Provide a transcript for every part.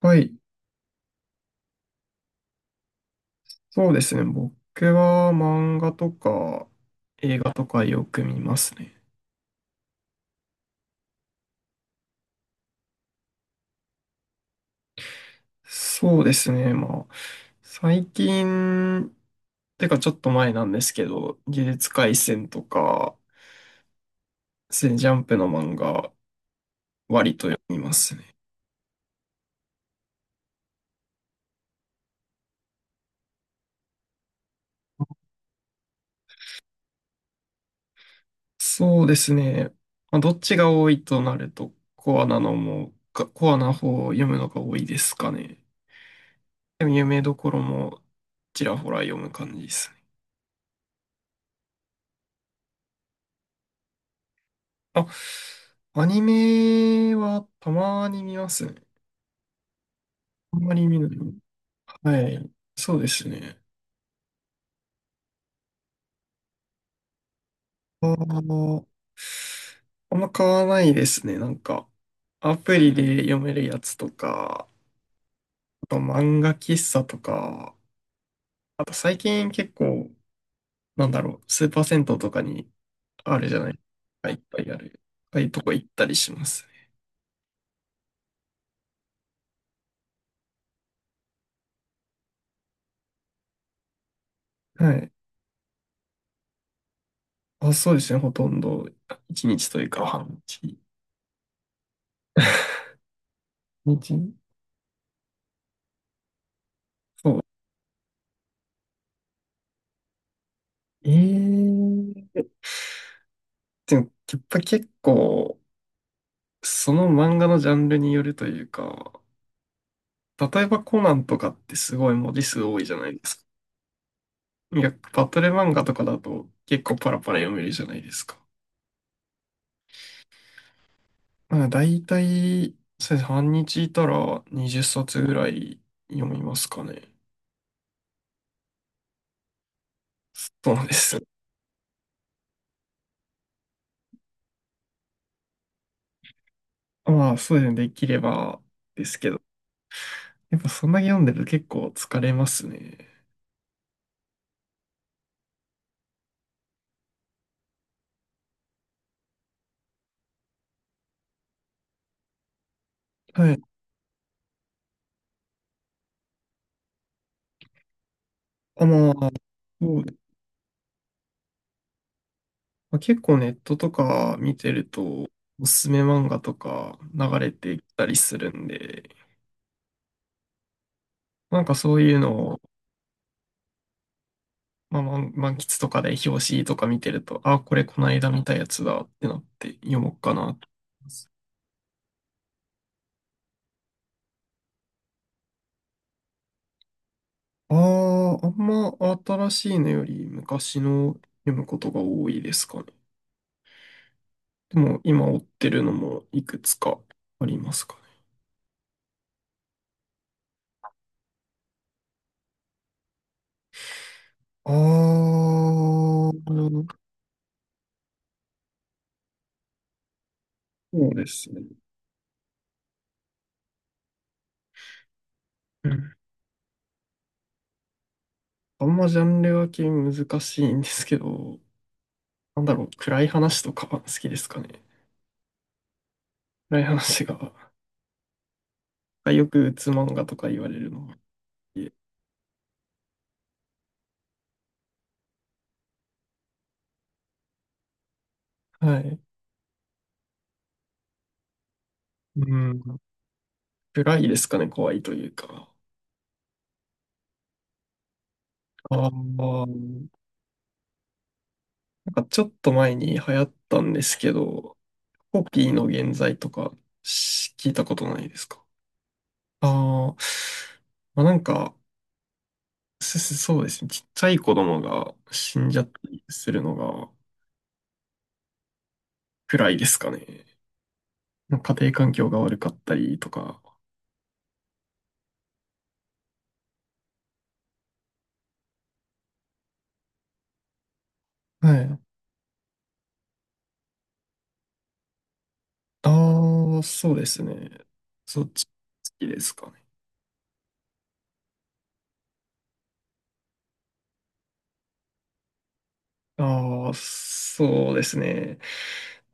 はい、そうですね。僕は漫画とか映画とかよく見ますね。そうですね。まあ、最近、てかちょっと前なんですけど、呪術廻戦とか、そういうジャンプの漫画、割と読みますね。そうですね。まあ、どっちが多いとなると、コアなのも、かコアな方を読むのが多いですかね。でも有名どころもちらほら読む感じですね。あ、アニメはたまに見ますね。あんまり見ない。はい。そうですね。あーあんま買わないですね。なんか、アプリで読めるやつとか、あと漫画喫茶とか、あと最近結構、なんだろう、スーパー銭湯とかにあるじゃないですか、いっぱいある。ああいうとこ行ったりしますね。はい。あ、そうですね。ほとんど、一日というか、半日。一日そう。ええでも、やっぱ結構、その漫画のジャンルによるというか、例えばコナンとかってすごい文字数多いじゃないですか。いや、バトル漫画とかだと結構パラパラ読めるじゃないですか。まあ、だいたい、そうです半日いたら20冊ぐらい読みますかね。そうです。まあ、そうですね。できればですけど。やっぱそんなに読んでると結構疲れますね。はい。あ、まあ、そうまあ、結構ネットとか見てると、おすすめ漫画とか流れてきたりするんで、なんかそういうのを、まあ、満満喫とかで表紙とか見てると、あ、これこの間見たやつだってなって読もうかなと思います。ああ、あんま新しいのより昔の読むことが多いですかね。でも今追ってるのもいくつかありますかね。ああ、そうですね。うんあんまジャンル分け難しいんですけど、なんだろう、暗い話とかは好きですかね。暗い話が、よくうつ漫画とか言われるのも好きはい。うん。暗いですかね、怖いというか。ああ、なんかちょっと前に流行ったんですけど、コピーの現在とかし聞いたことないですか？ああ、まあ、なんか、すそうですね、ちっちゃい子供が死んじゃったりするのが暗いですかね。家庭環境が悪かったりとか。はい。ああ、そうですね。そっち、好きですかね。ああ、そうですね。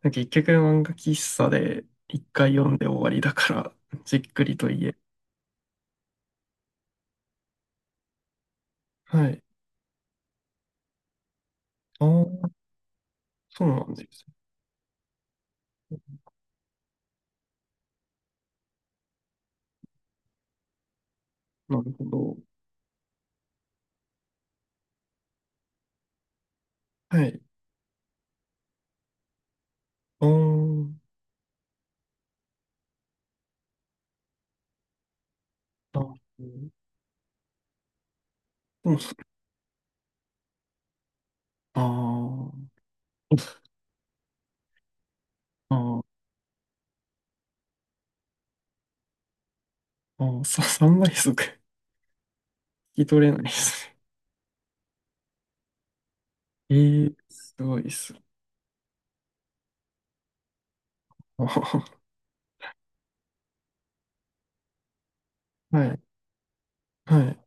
結局漫画喫茶で一回読んで終わりだから、じっくりと言え。はい。ああ、そうなんですね。なるほど。はい。ああ、なるほど。でもああ、ああ、ああ、さ、倍速。聞き取れないですね。ええすごいっす。あーはい。はい。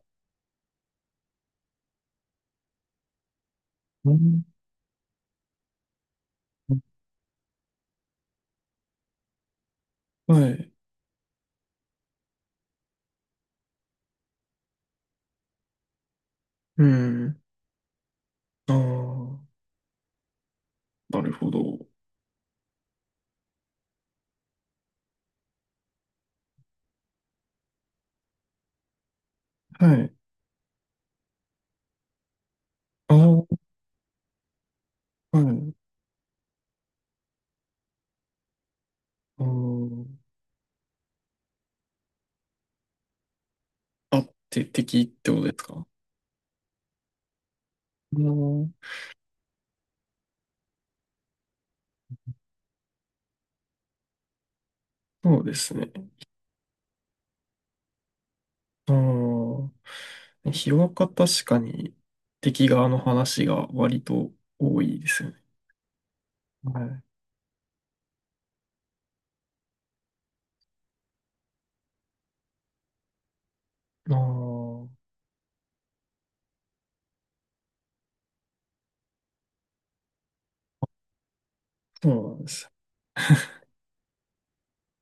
うん、はい。うん。ああ、なるほど。はい。ああ、はい。あーあ、あって敵ってことですか？ああ、そうですね。ああ、ヒロアカ確かに敵側の話が割と多いですよね。はい。ああ、そうなんです。っ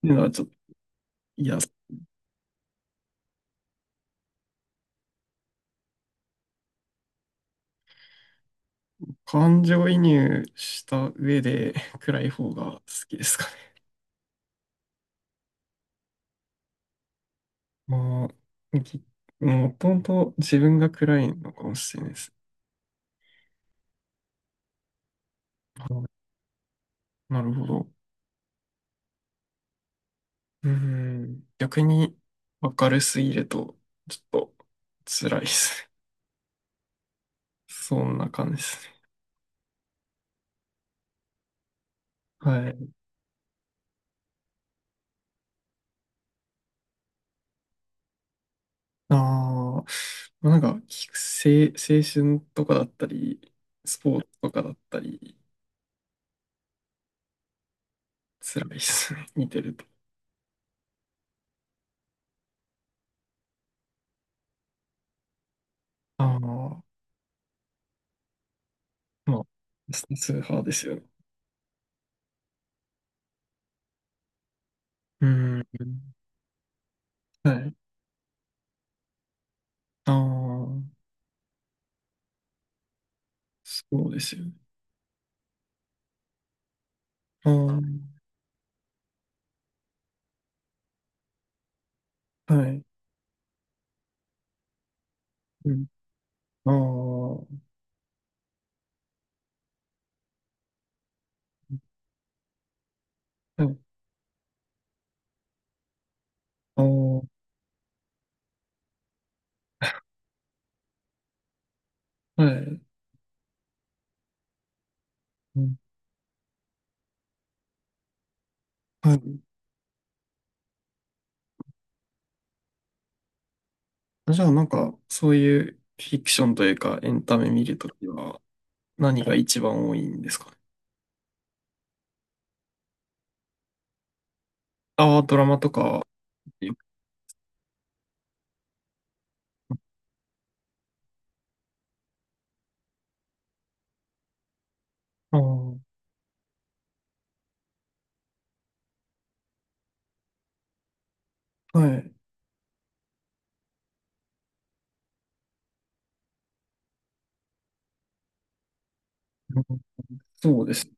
ていうのはちょっと、いや、感情移入した上で暗い方が好きですか？まあ、ぎもともと自分が暗いのかもしれないです。はいなるほど。うん。逆に明るすぎると、ちょっと辛いですね。そんな感じですね。はい。ああ、まあ、なんか、きせ青春とかだったり、スポーツとかだったり、辛いですね。見てると。ああ、まあ、ス数派ですよね。うん。はい。ああ、そうですよね。ああ。はい。うん。ああ、はい。ああ、はい。うん。はい。じゃあ、なんか、そういうフィクションというか、エンタメ見るときは、何が一番多いんですかね。ああ、ドラマとか。ああ、はい。うんそうです。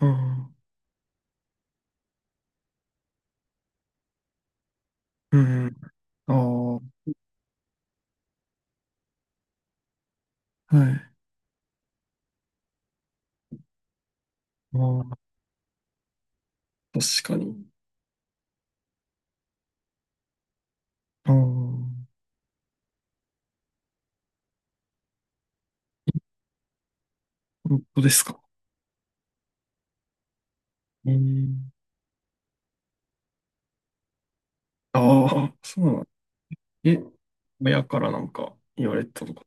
うん。うん。ああ、はい。ああ、確かに。ああ、本当ですか？えー、ああ、そうなん。え、親からなんか言われたとか。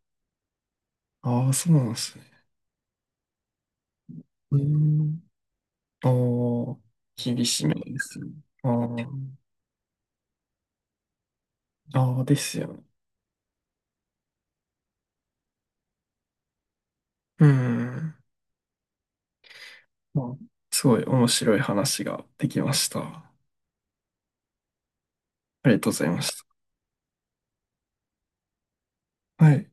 ああ、そうなんですね。うんああ、厳しめですね。あー、ああですよね。うん。まあ、すごい面白い話ができました。ありがとうございました。はい。